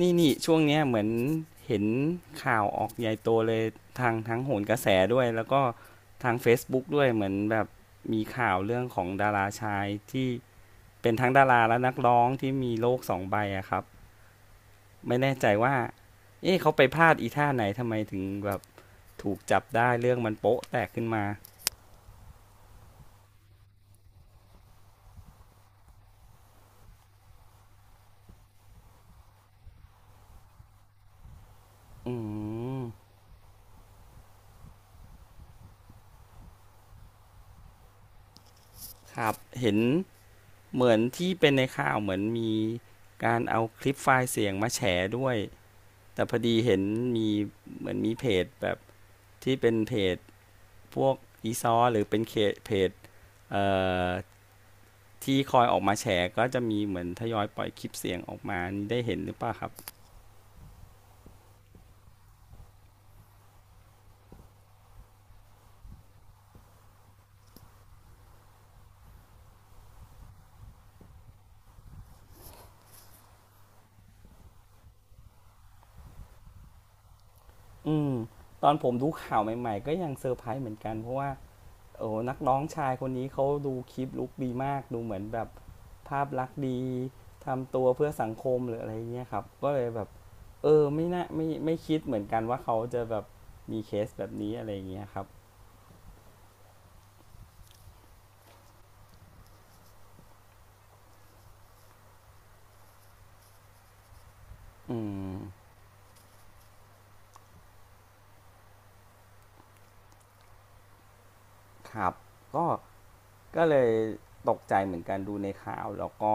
นี่ช่วงเนี้ยเหมือนเห็นข่าวออกใหญ่โตเลยทางทั้งโหนกระแสด้วยแล้วก็ทาง Facebook ด้วยเหมือนแบบมีข่าวเรื่องของดาราชายที่เป็นทั้งดาราและนักร้องที่มีโรคสองใบอะครับไม่แน่ใจว่าเอ๊ะเขาไปพลาดอีท่าไหนทำไมถึงแบบถูกจับได้เรื่องมันโป๊ะแตกขึ้นมาอืมครับเห็นเหมือนที่เป็นในข่าวเหมือนมีการเอาคลิปไฟล์เสียงมาแฉด้วย แต่พอดีเห็นมีเหมือนมีเพจแบบที่เป็นเพจพวกอีซอหรือเป็นเคเพจเอ่อที่คอยออกมาแฉก็จะมีเหมือนทยอยปล่อยคลิปเสียงออกมานี่ได้เห็นหรือเปล่าครับ อืม ตอนผมดูข่าวใหม่ๆก็ยังเซอร์ไพรส์เหมือนกัน เพราะว่าโอ้นักร้องชายคนนี้เขาดูคลิปลุกดีมาก ดูเหมือนแบบภาพลักษณ์ดี ทำตัวเพื่อสังคมหรืออะไรเงี้ยครับ ก็เลยแบบ เออไม่น่าไม่คิดเหมือนกันว่าเขาจะแบบมีเคสแบบนี้อะไรเงี้ยครับ อืมครับก็ก็เลยตกใจเหมือนกันดูในข่าวแล้วก็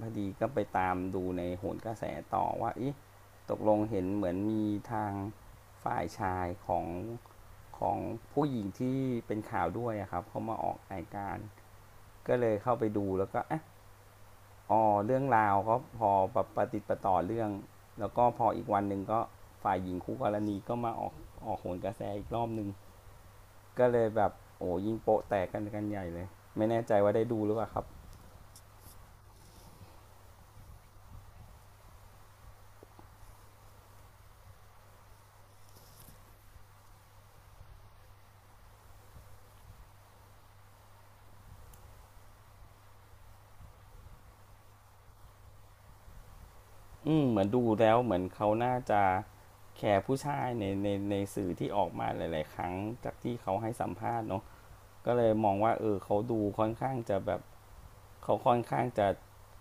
พอดีก็ไปตามดูในโหนกระแสต่อว่าเอ๊ะตกลงเห็นเหมือนมีทางฝ่ายชายของผู้หญิงที่เป็นข่าวด้วยอะครับเขามาออกรายการก็เลยเข้าไปดูแล้วก็เอะอ๋อเรื่องราวก็พอประติดประต่อเรื่องแล้วก็พออีกวันหนึ่งก็ฝ่ายหญิงคู่กรณีก็มาออกโหนกระแสอีกรอบหนึ่ง ก็เลยแบบโอ้ยิงโปะแตกกันใหญ่เลยไม่แน่ใจว่าได้ดูหรือเปล่าครับอืมเหมือนดูแล้วเหมือนเขาน่าจะแคร์ผู้ชายในสื่อที่ออกมาหลายๆครั้งจากที่เขาให้สัมภาษณ์เนาะก็เลยมองว่าเออเขาดูค่อนข้างจะแบบเขาค่อนข้างจะ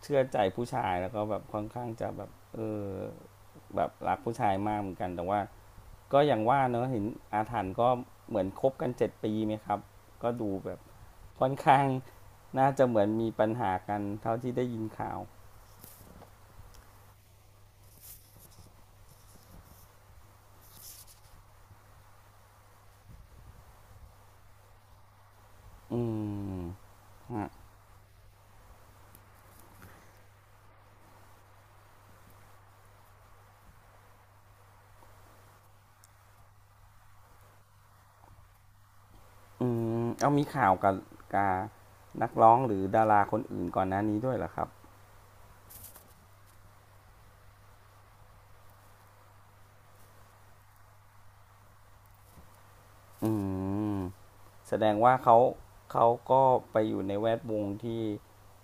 เชื่อใจผู้ชายแล้วก็แบบค่อนข้างจะแบบเออแบบรักผู้ชายมากเหมือนกันแต่ว่าก็อย่างว่าเนาะเห็นอาถรรพ์ก็เหมือนคบกัน7 ปีไหมครับก็ดูแบบ ค่อนข้างน่าจะเหมือนมีปัญหากันเท่าที่ได้ยินข่าวอืมฮะอืมเอามีข่าวกับกานักร้องหรือดาราคนอื่นก่อนหน้านี้ด้วยเหรอครับอืมแสดงว่าเขาก็ไปอยู่ในแวดวงที่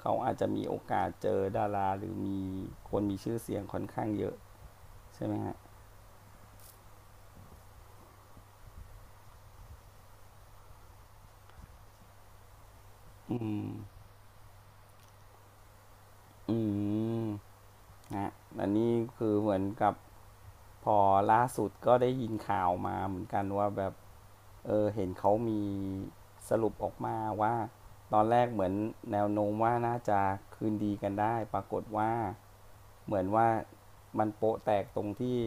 เขาอาจจะมีโอกาสเจอดาราหรือมีคนมีชื่อเสียงค่อนข้างเยอะใช่ไหมฮะอืมอืมฮะอันนี้คือเหมือนกับพอล่าสุดก็ได้ยินข่าวมาเหมือนกันว่าแบบ เออเห็นเขามีสรุปออกมาว่าตอนแรกเหมือนแนวโน้มว่าน่าจะคืนดีกันได้ปรากฏว่าเหมือนว่ามันโปะแตกตรงที่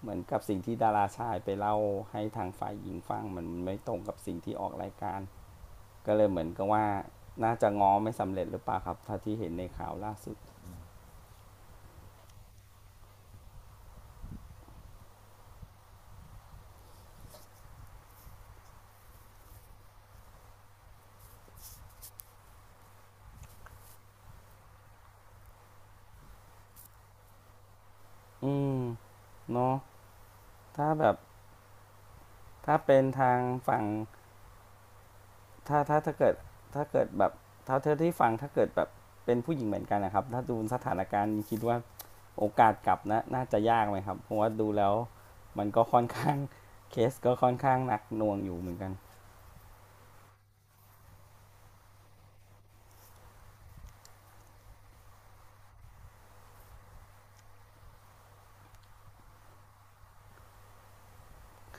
เหมือนกับสิ่งที่ดาราชายไปเล่าให้ทางฝ่ายหญิงฟังมันไม่ตรงกับสิ่งที่ออกรายการก็เลยเหมือนกับว่าน่าจะง้อไม่สำเร็จหรือเปล่าครับถ้าที่เห็นในข่าวล่าสุดอืมเนาะถ้าแบบถ้าเป็นทางฝั่ง ถ้าถ้าถ้าเกิดถ้าเกิดแบบเท่าเธอที่ฟังถ้าเกิดแบบเป็นผู้หญิงเหมือนกันนะครับถ้าดูสถานการณ์คิดว่าโอกาสกลับนะน่าจะยากไหมครับเพราะว่าดูแล้วมันก็ค่อนข้างเคสก็ค่อนข้างหนักหน่วงอยู่เหมือนกัน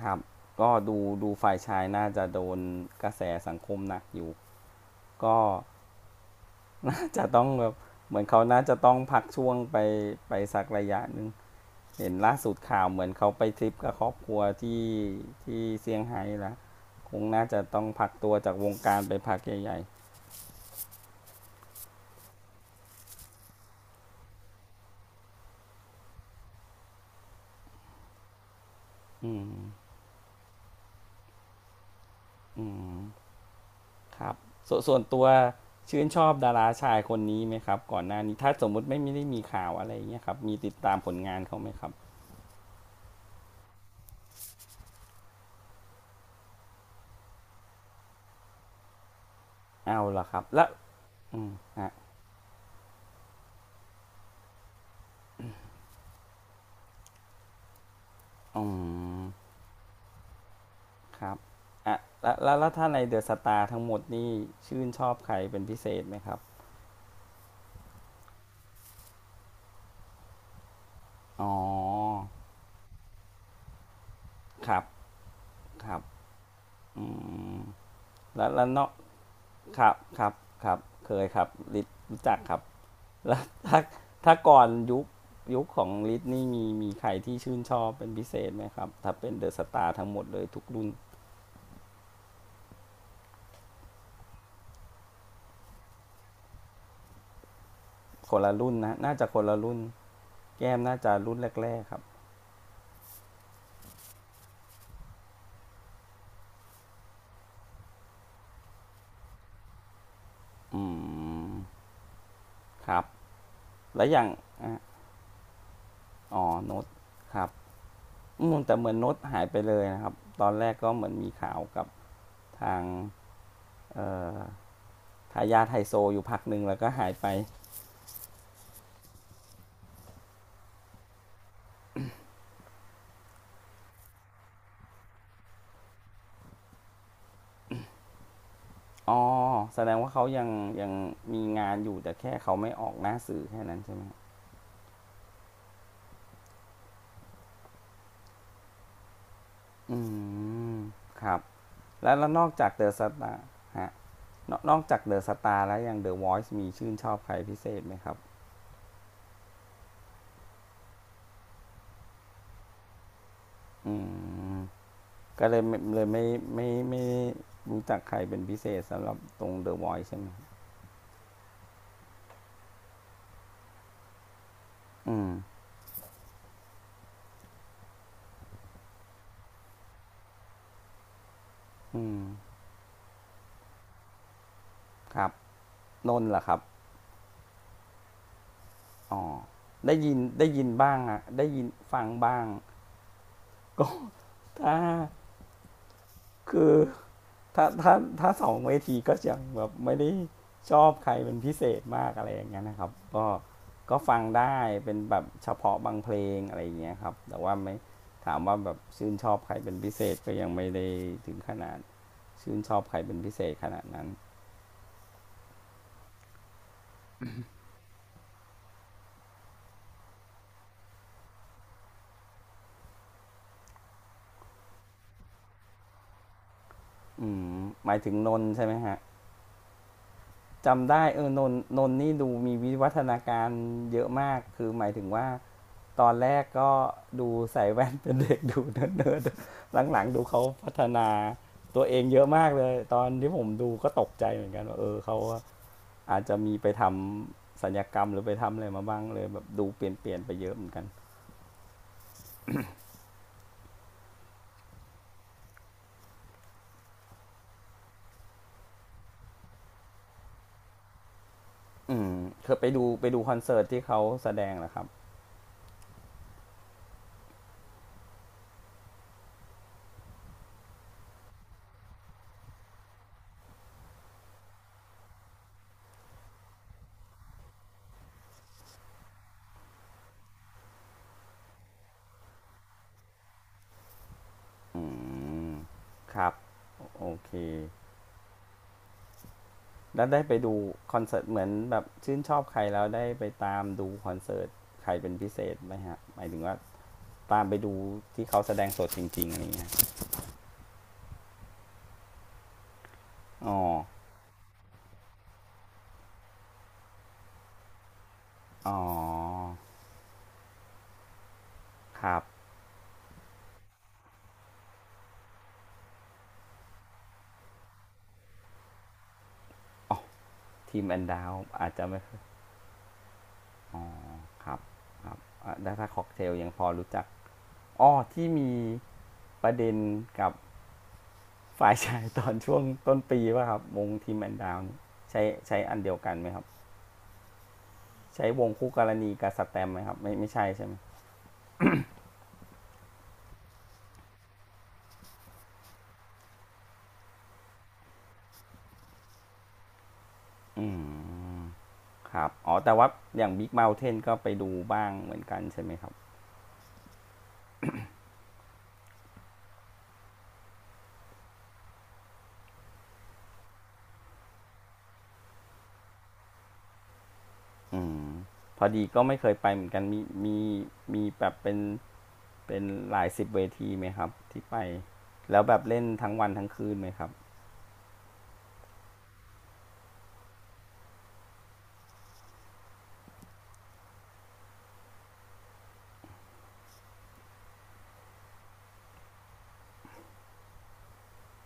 ครับก็ดูฝ่ายชายน่าจะโดนกระแสสังคมหนักอยู่ก็น่าจะต้องแบบเหมือนเขาน่าจะต้องพักช่วงไปสักระยะนึง เห็นล่าสุดข่าวเหมือนเขาไปทริปกับครอบครัวที่เซี่ยงไฮ้ละคงน่าจะต้องพักตัวจากวงการไปพักใหญ่ๆอืมอืมครับส่วนตัวชื่นชอบดาราชายคนนี้ไหมครับก่อนหน้านี้ถ้าสมมุติไม่ไมด้มีข่าวอะไรเงี้ยครับมีติดตามผลงานเขาไหมครับเอาละครับแล้วอืมฮะอืมครับอ่ะแล้วถ้าในเดอะสตาร์ทั้งหมดนี่ชื่นชอบใครเป็นพิเศษไหมครับอ๋อครับครับ อืมแล้วเนาะครับครับครับเคยครับลิทรู้จักครับแล้วถ้าถ้าก่อนยุคของลิทนี่มีใครที่ชื่นชอบเป็นพิเศษไหมครับถ้าเป็นเดอะสตาร์ทั้งหมดเลยทุกรุ่นคนละรุ่นนะน่าจะคนละรุ่นแก้มน่าจะรุ่นแรกๆครับอืมครับแล้วอย่างอ่ะอ๋อโน้ตครับอืมแต่เหมือนโน้ตหายไปเลยนะครับตอนแรกก็เหมือนมีข่าวกับทางเอ่อทายาทไฮโซอยู่พักหนึ่งแล้วก็หายไป อ๋อแสดงว่าเขายังมีงานอยู่แต่แค่เขาไม่ออกหน้าสื่อแค่นั้นใช่ไหมอืมครับแล้วนอกจากเดอะสตาร์ฮะนอกจากเดอะสตาร์แล้วยังเดอะวอยซ์มีชื่นชอบใครพิเศษไหมครับอืมก็เลยไม่รู้จักใครเป็นพิเศษสำหรับตรงเดอะวอยซ์ใช่ไหมอืมอืมครับนนท์เหรอครับอ๋อได้ยินบ้างอะได้ยินฟังบ้าง ก็ถ้า คือถ้าถ้าถ้าสองเวทีก็ยังแบบไม่ได้ชอบใครเป็นพิเศษมากอะไรอย่างเงี้ยนะครับก็ก็ฟังได้เป็นแบบเฉพาะบางเพลงอะไรอย่างเงี้ยครับแต่ว่าไม่ถามว่าแบบชื่นชอบใครเป็นพิเศษก็ยังไม่ได้ถึงขนาดชื่นชอบใครเป็นพิเศษขนาดนั้นอืมหมายถึงนน์ใช่ไหมฮะจำได้เออนนนี่ดูมีวิวัฒนาการเยอะมากคือหมายถึงว่า ตอนแรกก็ดูใส่แว่นเป็นเด็กดูเนิร์ดๆหลังๆดูเขาพัฒนาตัวเองเยอะมากเลยตอนที่ผมดูก็ตกใจเหมือนกันว่าเออเขาอาจจะมีไปทำสัลยกรรมหรือไปทำอะไรมาบ้างเลยแบบดูเปลี่ยนๆไปเยอะเหมือนกันอืมเคยไปดูคอนเสิร์ตที่เขาแสดงเหรอครับอืมครับโอเคแล้วได้ไปดูคอนเสิร์ตเหมือนแบบชื่นชอบใครแล้วได้ไปตามดูคอนเสิร์ตใครเป็นพิเศษไหมฮะหมายถึงว่า ตามไปดูที่เขาแสดงสดจริงๆอะไรเงี้ยอ๋อ อ๋อ ครับ อ๋อทีมแอนดาวอาจจะไม่ครับ ครับอ่ะไถ้าค็อกเทลยังพอรู้จัก อ๋อที่มีประเด็นกับฝ่ายชายตอนช่วงต้นปีว่าครับวงทีมแอนดาวนใช้ใช้อันเดียวกันไหมครับใช้วงคู่กรณีกับสแตมไหมครับไม่ใช่ใช่ไหมอืมครับอ๋อแต่ว่าอย่างบิ๊ก o u เทนก็ไปดูบ้างเหมือนกันใช่ไหมครับ อืมพอดีก็ไม่เคยไปเหมือนกันมีมีแบบเป็นหลายสิบเวทีไหมครับที่ไปแล้วแบบเล่นทั้งวันทั้งคืนไหมครับ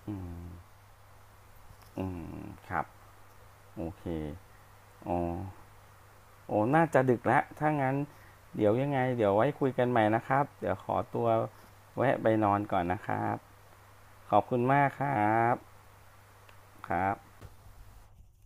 อืมอืมครับโอเคอ๋อโอ้น่าจะดึกแล้วถ้างั้นเดี๋ยวยังไงเดี๋ยวไว้คุยกันใหม่นะครับเดี๋ยวขอตัวแวะไปนอนก่อนนะครับขอบคุณมากครับครับ